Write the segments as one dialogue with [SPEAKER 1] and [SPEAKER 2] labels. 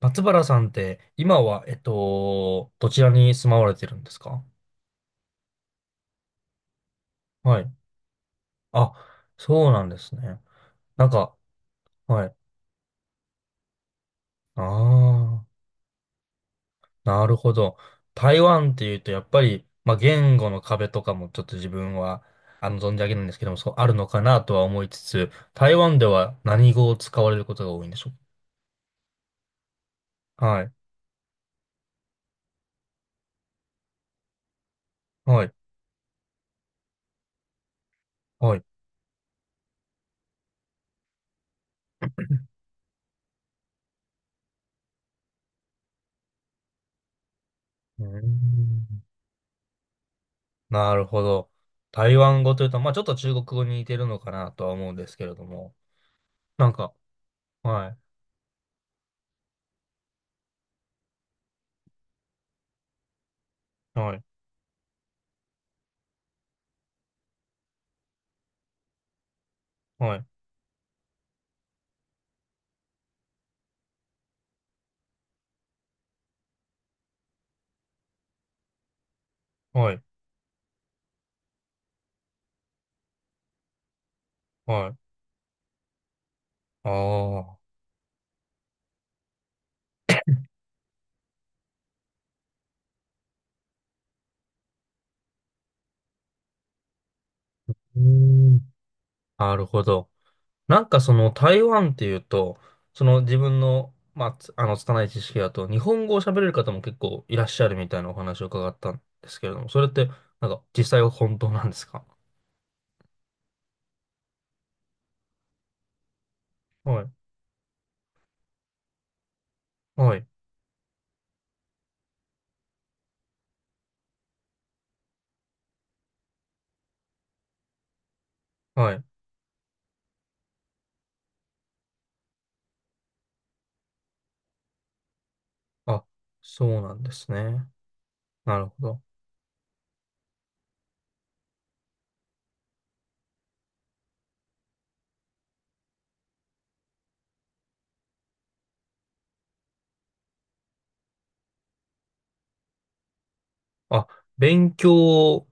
[SPEAKER 1] 松原さんって、今は、どちらに住まわれてるんですか？はい。あ、そうなんですね。なんか、はい。ああ、なるほど。台湾っていうと、やっぱり、まあ、言語の壁とかもちょっと自分は、存じ上げないんですけども、そう、あるのかなとは思いつつ、台湾では何語を使われることが多いんでしょうか？はい。はい。はい。うーん。なるほど。台湾語というと、まあ、ちょっと中国語に似てるのかなとは思うんですけれども、なんか、はい、はい、はい、はい、はい。ああ、うーん、なるほど。なんかその台湾っていうと、その自分の、まあ、つあの、拙い知識だと、日本語を喋れる方も結構いらっしゃるみたいなお話を伺ったんですけれども、それって、なんか実際は本当なんですか？はい、はい、はい。あ、そうなんですね。なるほど。あ、勉強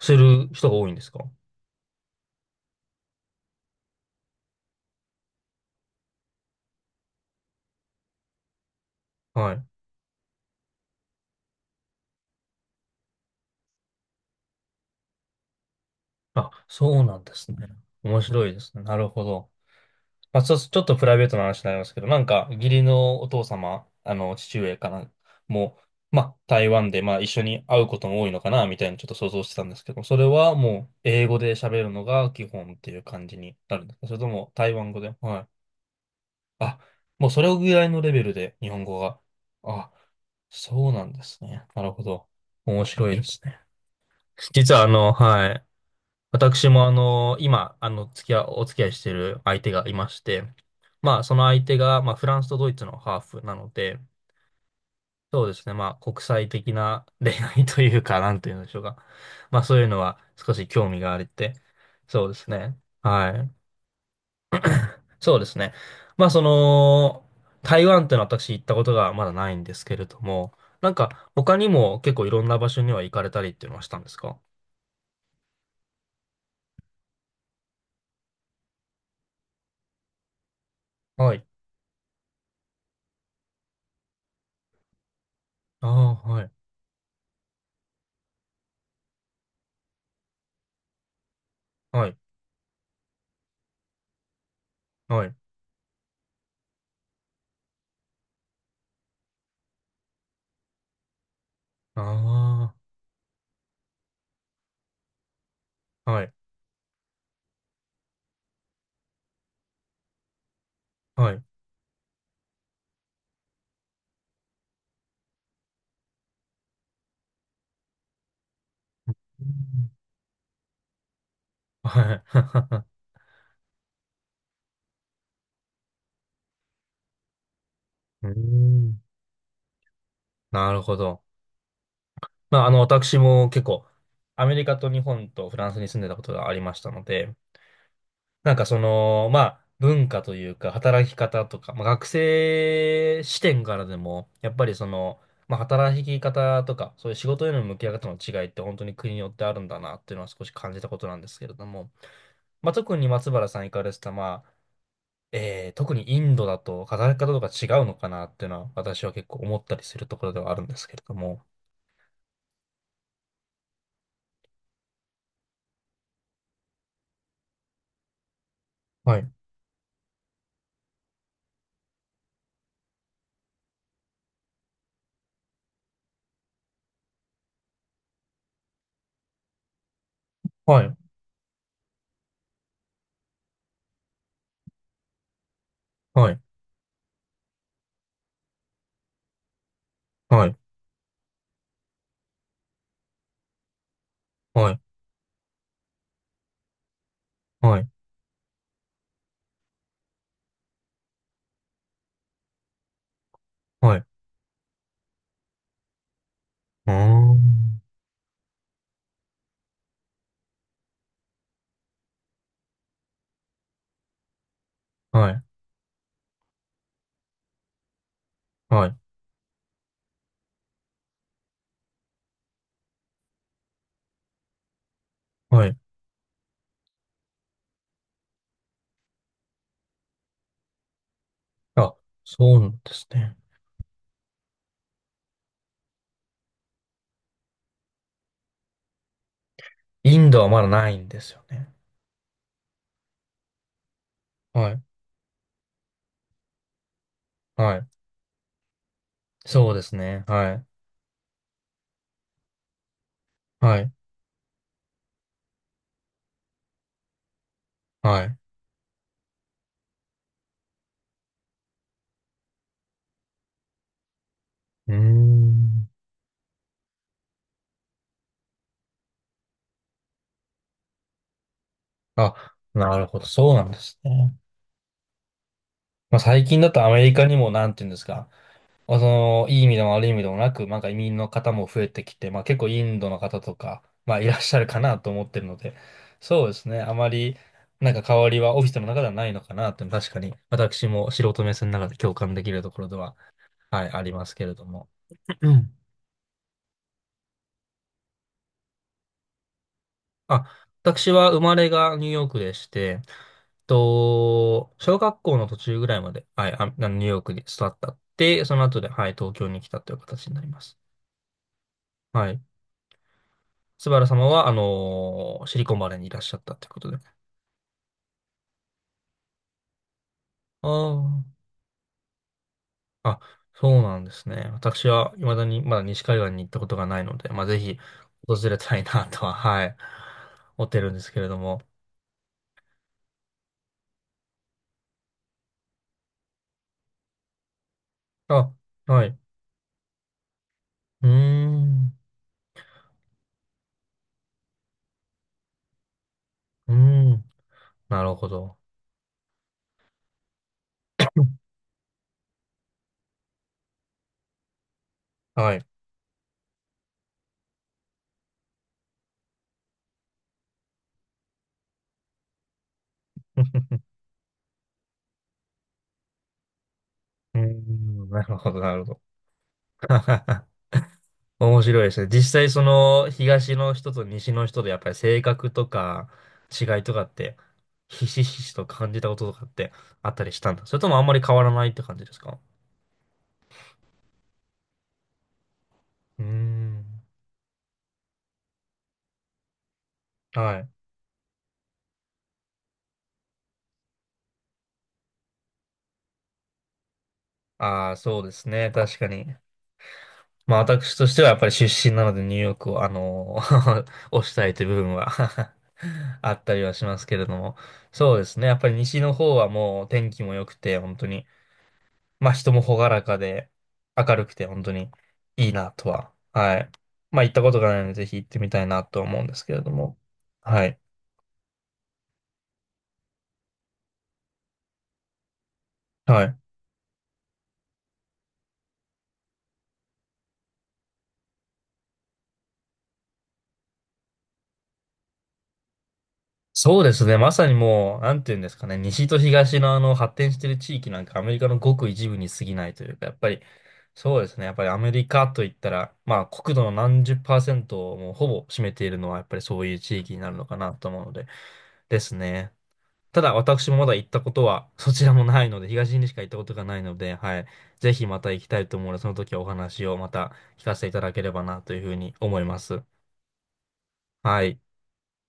[SPEAKER 1] する人が多いんですか？はい。あ、そうなんですね。面白いですね。なるほど。まあ、そうちょっとプライベートな話になりますけど、なんか、義理のお父様、父上かな、もう、まあ、台湾で、まあ、一緒に会うことも多いのかな、みたいにちょっと想像してたんですけど、それはもう、英語で喋るのが基本っていう感じになるんですか？それとも、台湾語で？はい。あ、もうそれぐらいのレベルで、日本語が。あ、そうなんですね。なるほど。面白いですね。実は、はい。私も今、付き合い、お付き合いしてる相手がいまして、まあ、その相手が、まあ、フランスとドイツのハーフなので、そうですね、まあ、国際的な 恋愛というか、なんていうんでしょうか。まあ、そういうのは少し興味があれて、そうですね。はい。そうですね。まあ、その、台湾ってのは私行ったことがまだないんですけれども、なんか、他にも結構いろんな場所には行かれたりっていうのはしたんですか？はい。ああ、はい。はい。はい。ああ。はいはい。はい。うーん。なるほど。まあ、私も結構、アメリカと日本とフランスに住んでたことがありましたので、なんかその、まあ、文化というか、働き方とか、まあ、学生視点からでも、やっぱりその、まあ、働き方とか、そういう仕事への向き合い方の違いって本当に国によってあるんだなっていうのは少し感じたことなんですけれども、まあ、特に松原さん行かれてた、まあ、特にインドだと働き方とか違うのかなっていうのは私は結構思ったりするところではあるんですけれども。はい、はい、はい、はい、はい、はい、はい。うーん。はい、はい、はい。あ、そうなんですね。インドはまだないんですよね。はい、はい。そうですね。はい、はい、はい。うーん。あ、なるほど。そうなんですね。まあ、最近だとアメリカにも、なんていうんですか。まあその、いい意味でも悪い意味でもなく、なんか移民の方も増えてきて、まあ結構インドの方とか、まあいらっしゃるかなと思ってるので、そうですね。あまり、なんか変わりはオフィスの中ではないのかなっていうのは確かに、私も素人目線の中で共感できるところでは、はい、ありますけれども。うん。あ、私は生まれがニューヨークでして、と、小学校の途中ぐらいまで、はい、あ、あのニューヨークに育ったって、その後で、はい、東京に来たという形になります。はい。スバル様は、シリコンバレーにいらっしゃったということで。ああ。あ、そうなんですね。私は、未だに、まだ西海岸に行ったことがないので、まあ、ぜひ、訪れたいなとは、はい、思ってるんですけれども。あ、はい。うーん、うーん、なるほど。はい。うーん、なるほど、なるほど。面白いですね。実際その東の人と西の人でやっぱり性格とか違いとかってひしひしと感じたこととかってあったりしたんだ。それともあんまり変わらないって感じですか？うーん。はい。ああ、そうですね。確かに。まあ私としてはやっぱり出身なのでニューヨークを推したいという部分は あったりはしますけれども。そうですね。やっぱり西の方はもう天気も良くて本当に。まあ人も朗らかで明るくて本当にいいなとは、はい。まあ行ったことがないのでぜひ行ってみたいなと思うんですけれども。はい。はい。そうですね。まさにもう、なんていうんですかね。西と東のあの発展している地域なんかアメリカのごく一部に過ぎないというか、やっぱりそうですね。やっぱりアメリカといったら、まあ国土の何十パーセントをもうほぼ占めているのはやっぱりそういう地域になるのかなと思うので、ですね。ただ私もまだ行ったことはそちらもないので、東にしか行ったことがないので、はい。ぜひまた行きたいと思うので、その時はお話をまた聞かせていただければなというふうに思います。はい。